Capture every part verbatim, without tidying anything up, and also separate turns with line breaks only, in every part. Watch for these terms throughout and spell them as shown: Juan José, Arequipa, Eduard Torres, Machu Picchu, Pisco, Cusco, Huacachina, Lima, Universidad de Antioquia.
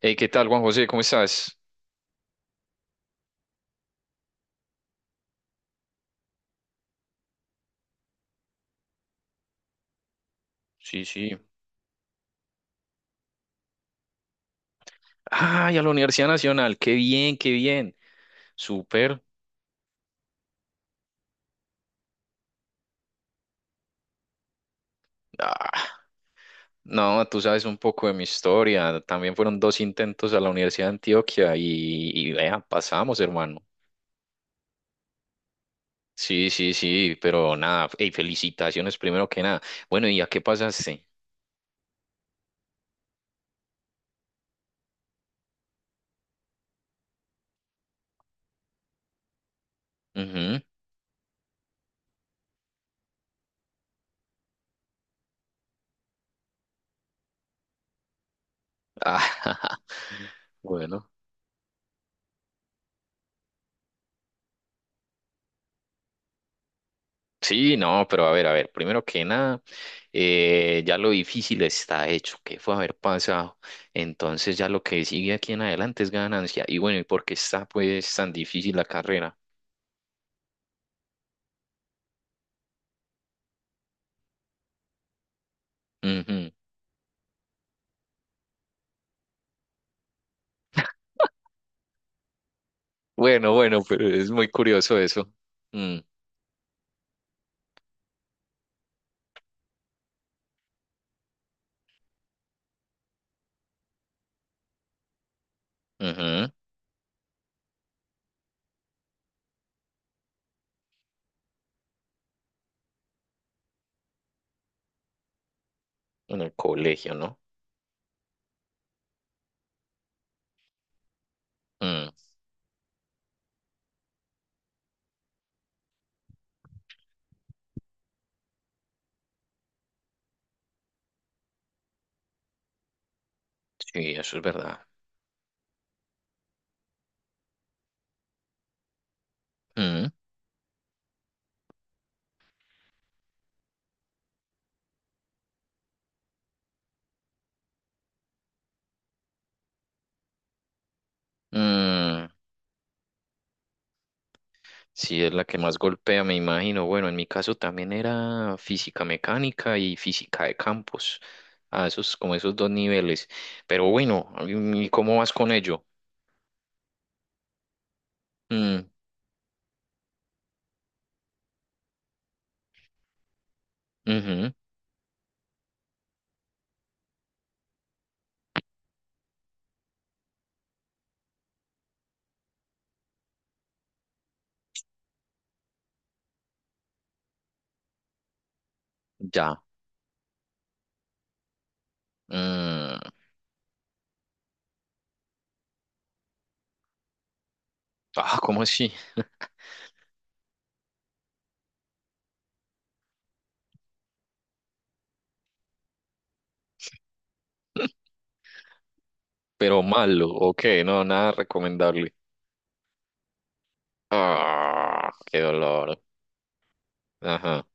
Hey, ¿qué tal, Juan José? ¿Cómo estás? Sí, sí. Ay, a la Universidad Nacional. Qué bien, qué bien. Súper. Ah, no, tú sabes un poco de mi historia. También fueron dos intentos a la Universidad de Antioquia y, y vea, pasamos, hermano. Sí, sí, sí, pero nada. Hey, felicitaciones primero que nada. Bueno, ¿y a qué pasaste? Ujú. Ah, bueno. Sí, no, pero a ver, a ver, primero que nada, eh, ya lo difícil está hecho, que fue haber pasado. Entonces ya lo que sigue aquí en adelante es ganancia. Y bueno, ¿y por qué está pues tan difícil la carrera? Ujú. Bueno, bueno, pero es muy curioso eso. Mm, ujú. En el colegio, ¿no? Mm, sí, eso es verdad. Mm, mm. Sí, es la que más golpea, me imagino. Bueno, en mi caso también era física mecánica y física de campos. A esos, como esos dos niveles. Pero bueno, ¿y cómo vas con ello? Mm, ujú, ya. Mm, ah, ¿cómo así? Pero malo, ok, no, nada recomendable. Ah, qué dolor. Ajá,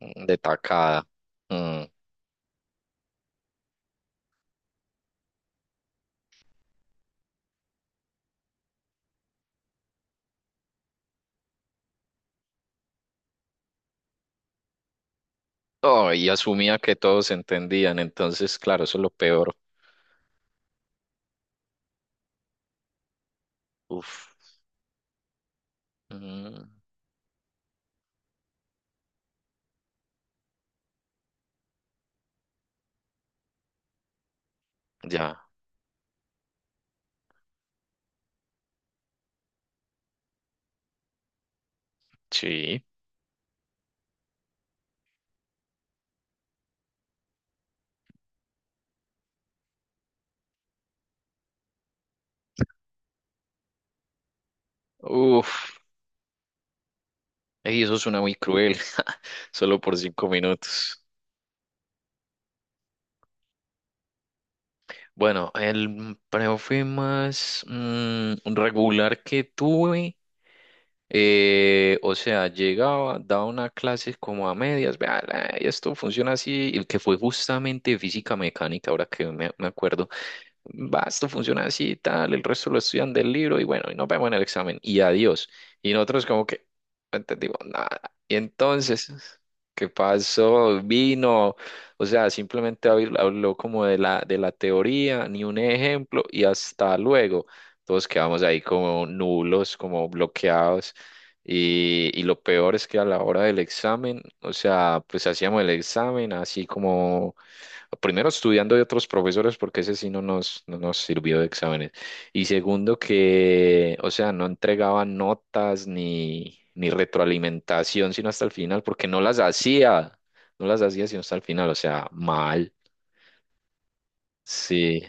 mm, de tacada. Mm. Oh, y asumía que todos entendían, entonces, claro, eso es lo peor. Uf. Mm, ya, sí. Uf, ey, eso suena muy cruel, solo por cinco minutos. Bueno, el profe más mm, regular que tuve, eh, o sea, llegaba, daba una clase como a medias, vea, la- esto funciona así, el que fue justamente física mecánica, ahora que me, me acuerdo. Va, esto funciona así y tal, el resto lo estudian del libro y bueno, y nos vemos en el examen y adiós. Y nosotros como que no entendimos nada. Y entonces, ¿qué pasó? Vino, o sea, simplemente habl- habló como de la, de la teoría, ni un ejemplo y hasta luego. Todos quedamos ahí como nulos, como bloqueados. Y, y lo peor es que a la hora del examen, o sea, pues hacíamos el examen así como primero estudiando de otros profesores porque ese sí no nos, no nos sirvió de exámenes. Y segundo que, o sea, no entregaban notas ni, ni retroalimentación sino hasta el final porque no las hacía, no las hacía sino hasta el final, o sea, mal. Sí,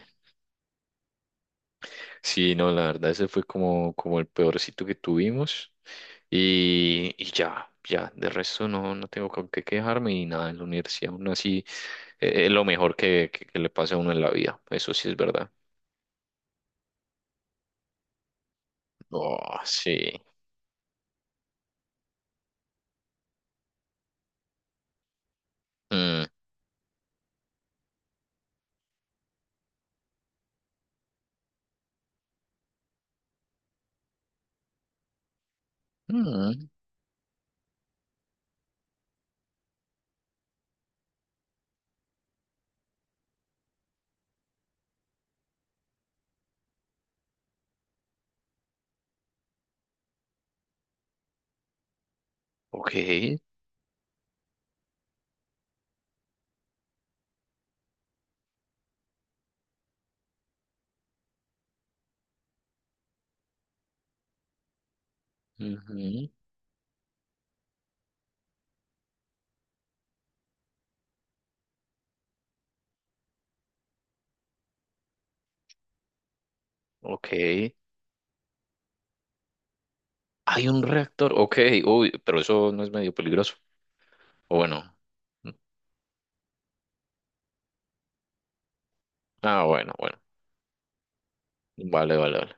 sí, no, la verdad ese fue como, como el peorcito que tuvimos. Y, y ya, ya, de resto no, no tengo con qué quejarme y nada, en la universidad aún así eh, es lo mejor que, que que le pasa a uno en la vida, eso sí es verdad. Oh, sí. Mm, mm, ok. Ujú, ok. Hay un reactor. Ok. Uy, pero eso no es medio peligroso. O bueno. Mm, ah, bueno, bueno. Vale, vale, vale.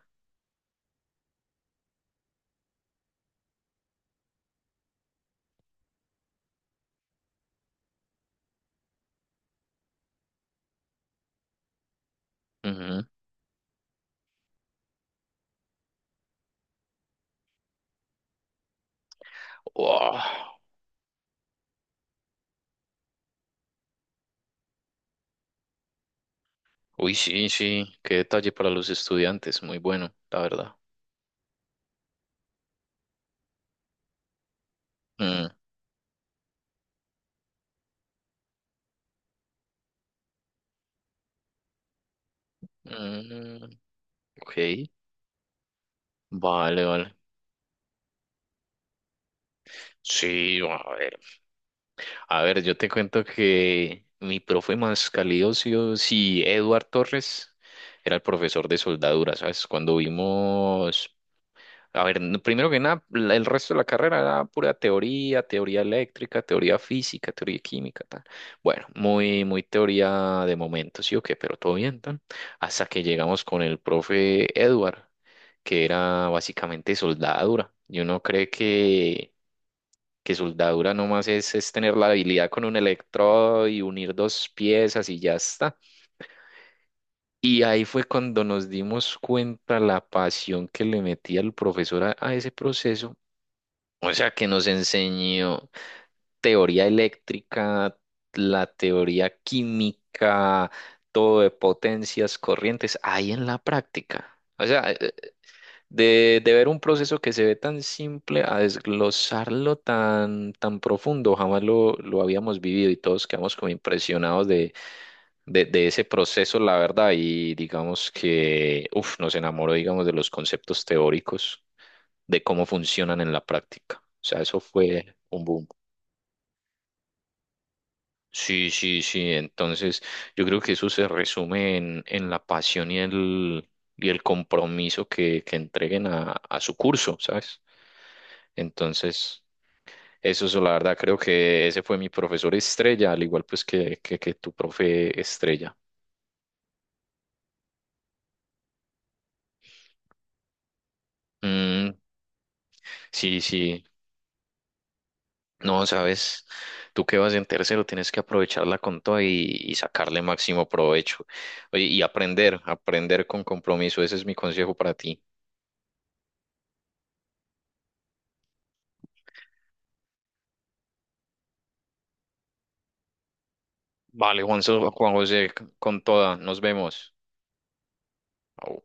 Ujú. Oh, uy, sí, sí. Qué detalle para los estudiantes. Muy bueno, la verdad. Mm, mm, ok. Vale, vale. Sí, a ver. A ver, yo te cuento que mi profe más calidoso, sí, Eduard Torres, era el profesor de soldadura, ¿sabes? Cuando vimos, a ver, n- primero que nada, la- el resto de la carrera era pura teoría, teoría eléctrica, teoría física, teoría química, tal. Bueno, muy, muy teoría de momento, sí o qué, pero todo bien, tan. Hasta que llegamos con el profe Eduard, que era básicamente soldadura. Y uno cree que que soldadura nomás es, es tener la habilidad con un electrodo y unir dos piezas y ya está. Y ahí fue cuando nos dimos cuenta la pasión que le metía el profesor a, a ese proceso. O sea, que nos enseñó teoría eléctrica, la teoría química, todo de potencias, corrientes, ahí en la práctica. O sea, De, de ver un proceso que se ve tan simple a desglosarlo tan, tan profundo, jamás lo, lo habíamos vivido y todos quedamos como impresionados de, de, de ese proceso, la verdad, y digamos que uf, nos enamoró, digamos, de los conceptos teóricos, de cómo funcionan en la práctica. O sea, eso fue un boom. Sí, sí, sí, entonces yo creo que eso se resume en, en la pasión y el, y el compromiso que, que entreguen a, a su curso, ¿sabes? Entonces... Eso es la verdad, creo que ese fue mi profesor estrella, al igual pues que, que, que tu profe estrella. Mm, sí, sí, no, sabes, tú que vas en tercero tienes que aprovecharla con todo y, y sacarle máximo provecho. Oye, y aprender, aprender con compromiso, ese es mi consejo para ti. Vale, Juan, So- Juan José, con toda, nos vemos. Au.